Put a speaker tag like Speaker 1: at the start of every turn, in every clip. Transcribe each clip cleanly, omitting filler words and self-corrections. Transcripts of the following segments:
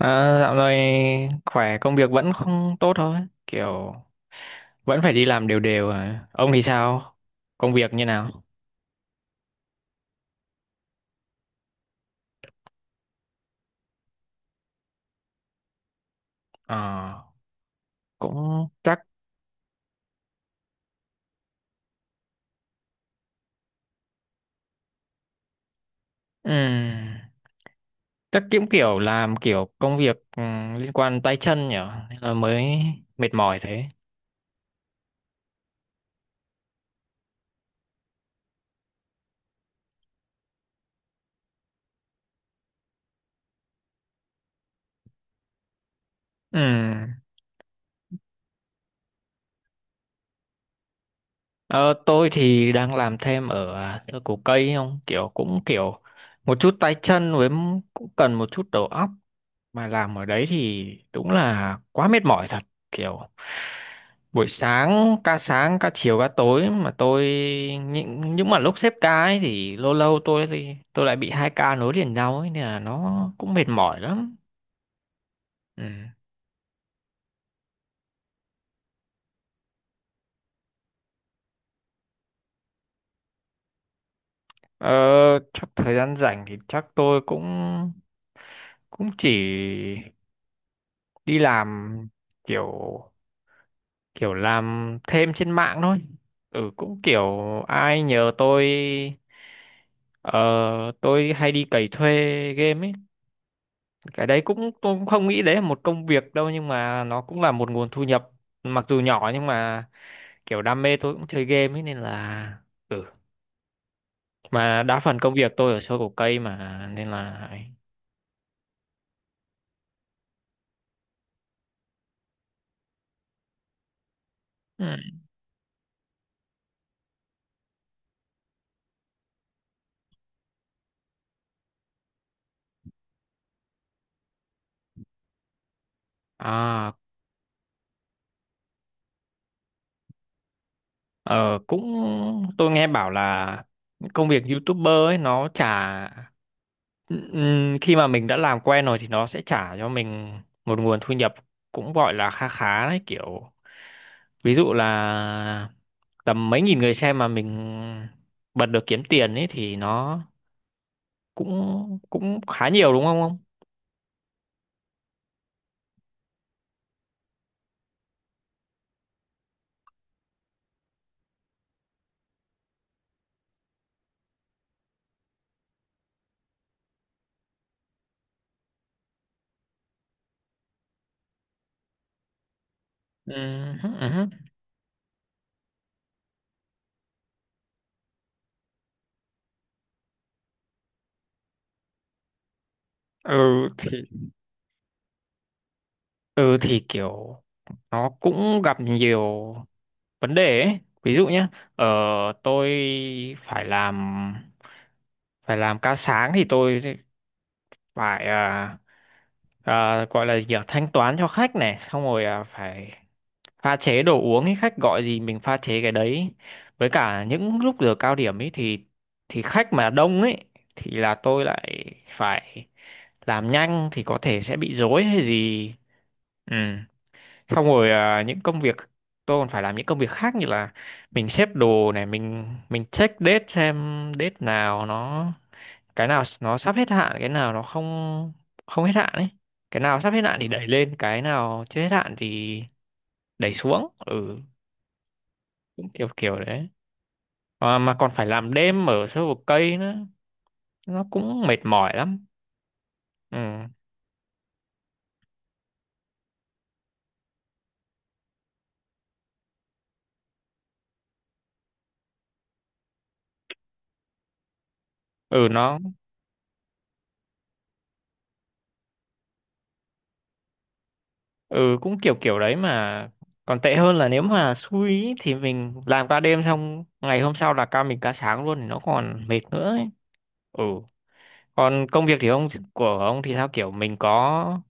Speaker 1: Dạo này khỏe công việc vẫn không tốt thôi, kiểu vẫn phải đi làm đều đều à. Ông thì sao, công việc như nào? Ờ, cũng chắc ừm, chắc cũng kiểu làm kiểu công việc, liên quan tay chân nhỉ, nên là mới mệt mỏi thế. Ừm, ờ, tôi thì đang làm thêm ở, thơ cổ cây không, kiểu cũng kiểu một chút tay chân với cũng cần một chút đầu óc, mà làm ở đấy thì đúng là quá mệt mỏi thật, kiểu buổi sáng, ca sáng ca chiều ca tối, mà tôi những mà lúc xếp ca ấy thì lâu lâu tôi lại bị hai ca nối liền nhau ấy, nên là nó cũng mệt mỏi lắm. Ừ. ờ, chắc thời gian rảnh thì chắc tôi cũng cũng chỉ đi làm, kiểu kiểu làm thêm trên mạng thôi. Ừ cũng kiểu ai nhờ tôi, ờ, tôi hay đi cày thuê game ấy. Cái đấy cũng tôi cũng không nghĩ đấy là một công việc đâu, nhưng mà nó cũng là một nguồn thu nhập, mặc dù nhỏ nhưng mà kiểu đam mê, tôi cũng chơi game ấy nên là ừ, mà đa phần công việc tôi ở show cổ cây mà nên là. Ừ. À. Ờ cũng tôi nghe bảo là công việc YouTuber ấy nó trả, khi mà mình đã làm quen rồi thì nó sẽ trả cho mình một nguồn thu nhập cũng gọi là kha khá đấy, kiểu ví dụ là tầm mấy nghìn người xem mà mình bật được kiếm tiền ấy thì nó cũng cũng khá nhiều, đúng không ông? Ừ, ừ, ừ. Hứ. Ừ, thì ừ thì kiểu nó cũng gặp nhiều vấn đề ấy, ví dụ nhé, ờ, tôi phải làm phải làm ca sáng thì tôi phải, gọi là gì nhỉ? Thanh toán cho khách này xong rồi, phải pha chế đồ uống ấy, khách gọi gì mình pha chế cái đấy. Với cả những lúc giờ cao điểm ấy thì khách mà đông ấy thì là tôi lại phải làm nhanh thì có thể sẽ bị rối hay gì. Ừ, xong rồi, những công việc, tôi còn phải làm những công việc khác như là mình xếp đồ này, mình check date xem date nào nó, cái nào nó sắp hết hạn, cái nào nó không không hết hạn ấy. Cái nào sắp hết hạn thì đẩy lên, cái nào chưa hết hạn thì đẩy xuống. Ừ, cũng kiểu kiểu đấy. Mà còn phải làm đêm ở sâu vực cây nữa, nó cũng mệt mỏi lắm. Ừ. Ừ nó ừ cũng kiểu kiểu đấy, mà còn tệ hơn là nếu mà xui ý, thì mình làm ca đêm, xong ngày hôm sau là ca, mình ca sáng luôn thì nó còn mệt nữa ấy. Ừ. Còn công việc thì ông, của ông thì sao, kiểu mình có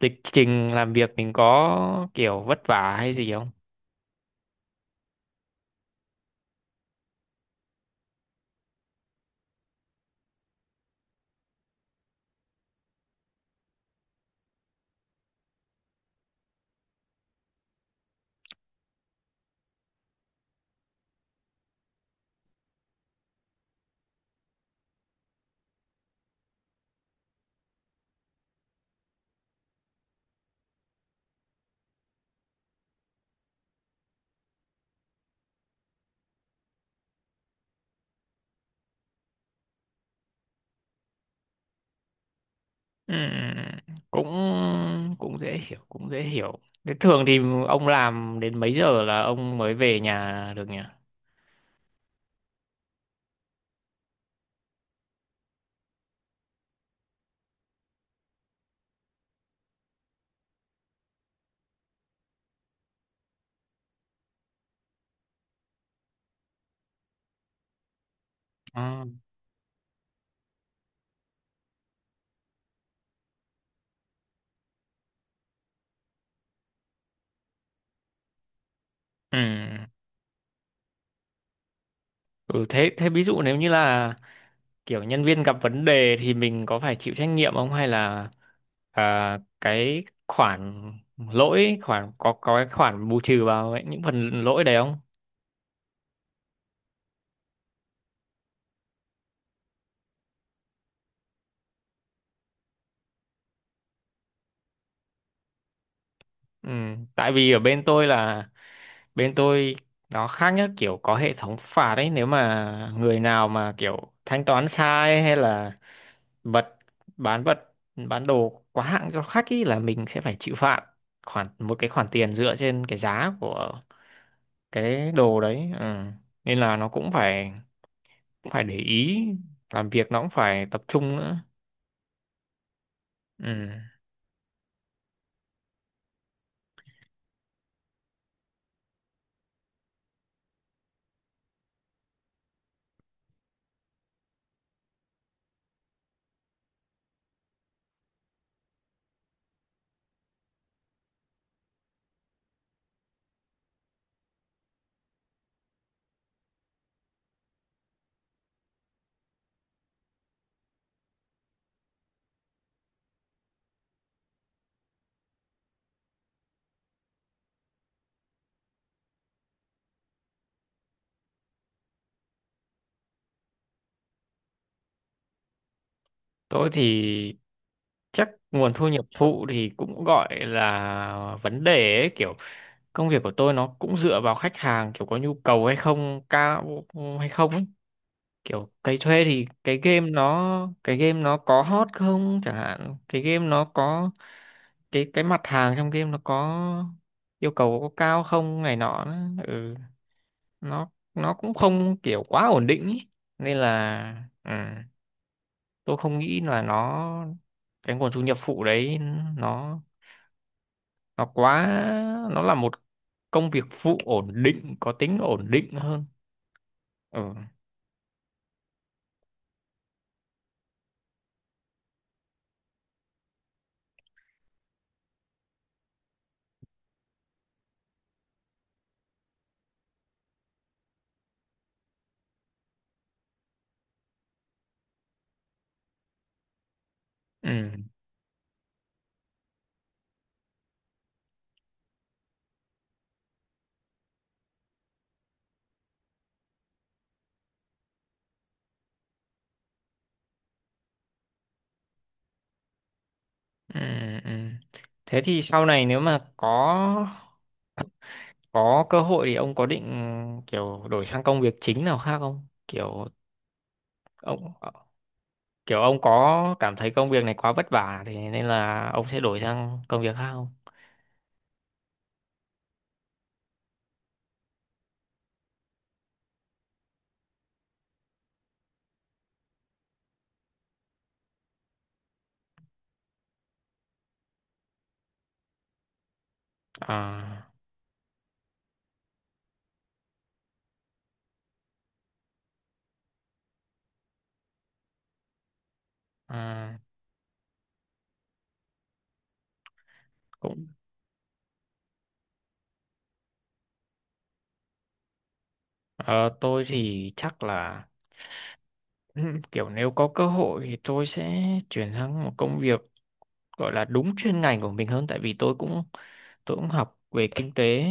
Speaker 1: lịch trình làm việc, mình có kiểu vất vả hay gì không? Ừm, cũng cũng dễ hiểu, cũng dễ hiểu. Thế thường thì ông làm đến mấy giờ là ông mới về nhà được nhỉ? Ừ. Ừ. Ừ thế thế ví dụ nếu như là kiểu nhân viên gặp vấn đề thì mình có phải chịu trách nhiệm không, hay là, cái khoản lỗi khoản có cái khoản bù trừ vào ấy, những phần lỗi đấy không? Ừ, tại vì ở bên tôi là bên tôi nó khác nhất, kiểu có hệ thống phạt ấy, nếu mà người nào mà kiểu thanh toán sai hay là vật vật bán đồ quá hạng cho khách ý là mình sẽ phải chịu phạt khoản, một cái khoản tiền dựa trên cái giá của cái đồ đấy. Ừ, nên là nó cũng phải để ý, làm việc nó cũng phải tập trung nữa. Ừ. Tôi thì chắc nguồn thu nhập phụ thì cũng gọi là vấn đề ấy, kiểu công việc của tôi nó cũng dựa vào khách hàng, kiểu có nhu cầu hay không cao hay không ấy, kiểu cái thuê thì cái game nó có hot không, chẳng hạn cái game nó có, cái mặt hàng trong game nó có yêu cầu có cao không này nọ ừ nó cũng không kiểu quá ổn định ý. Nên là ừ, tôi không nghĩ là nó, cái nguồn thu nhập phụ đấy nó nó quá, nó là một công việc phụ ổn định, có tính ổn định hơn. Ừ. Ừ. Ừ, ừ. Thế thì sau này nếu mà có cơ hội thì ông có định kiểu đổi sang công việc chính nào khác không? Kiểu ông, kiểu ông có cảm thấy công việc này quá vất vả thì nên là ông sẽ đổi sang công việc khác không? À, à cũng, ờ, tôi thì chắc là kiểu nếu có cơ hội thì tôi sẽ chuyển sang một công việc gọi là đúng chuyên ngành của mình hơn, tại vì tôi cũng học về kinh tế,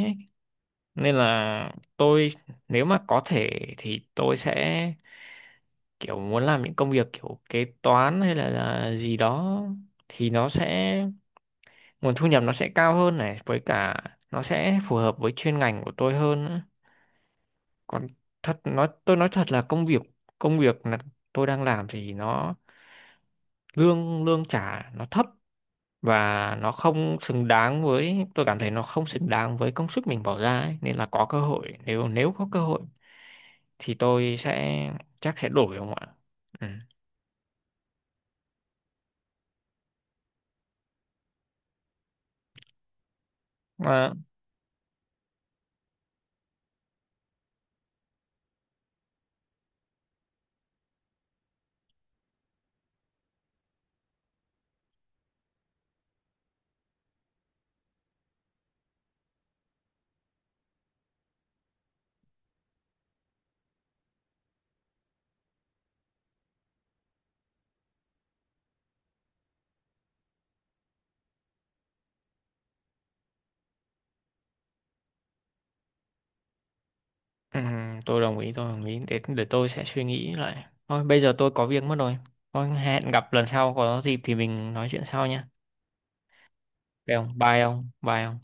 Speaker 1: nên là tôi, nếu mà có thể thì tôi sẽ kiểu muốn làm những công việc kiểu kế toán hay là gì đó, thì nó sẽ, nguồn thu nhập nó sẽ cao hơn này, với cả nó sẽ phù hợp với chuyên ngành của tôi hơn nữa. Còn thật nói, tôi nói thật là công việc, công việc là tôi đang làm thì nó lương lương trả nó thấp, và nó không xứng đáng với, tôi cảm thấy nó không xứng đáng với công sức mình bỏ ra ấy. Nên là có cơ hội, nếu nếu có cơ hội thì tôi sẽ chắc sẽ đổi không ạ. Ừ. Mà, ừ, tôi đồng ý để tôi sẽ suy nghĩ lại thôi, bây giờ tôi có việc mất rồi, thôi hẹn gặp lần sau có dịp thì mình nói chuyện sau nhé, được không, bye ông bye ông.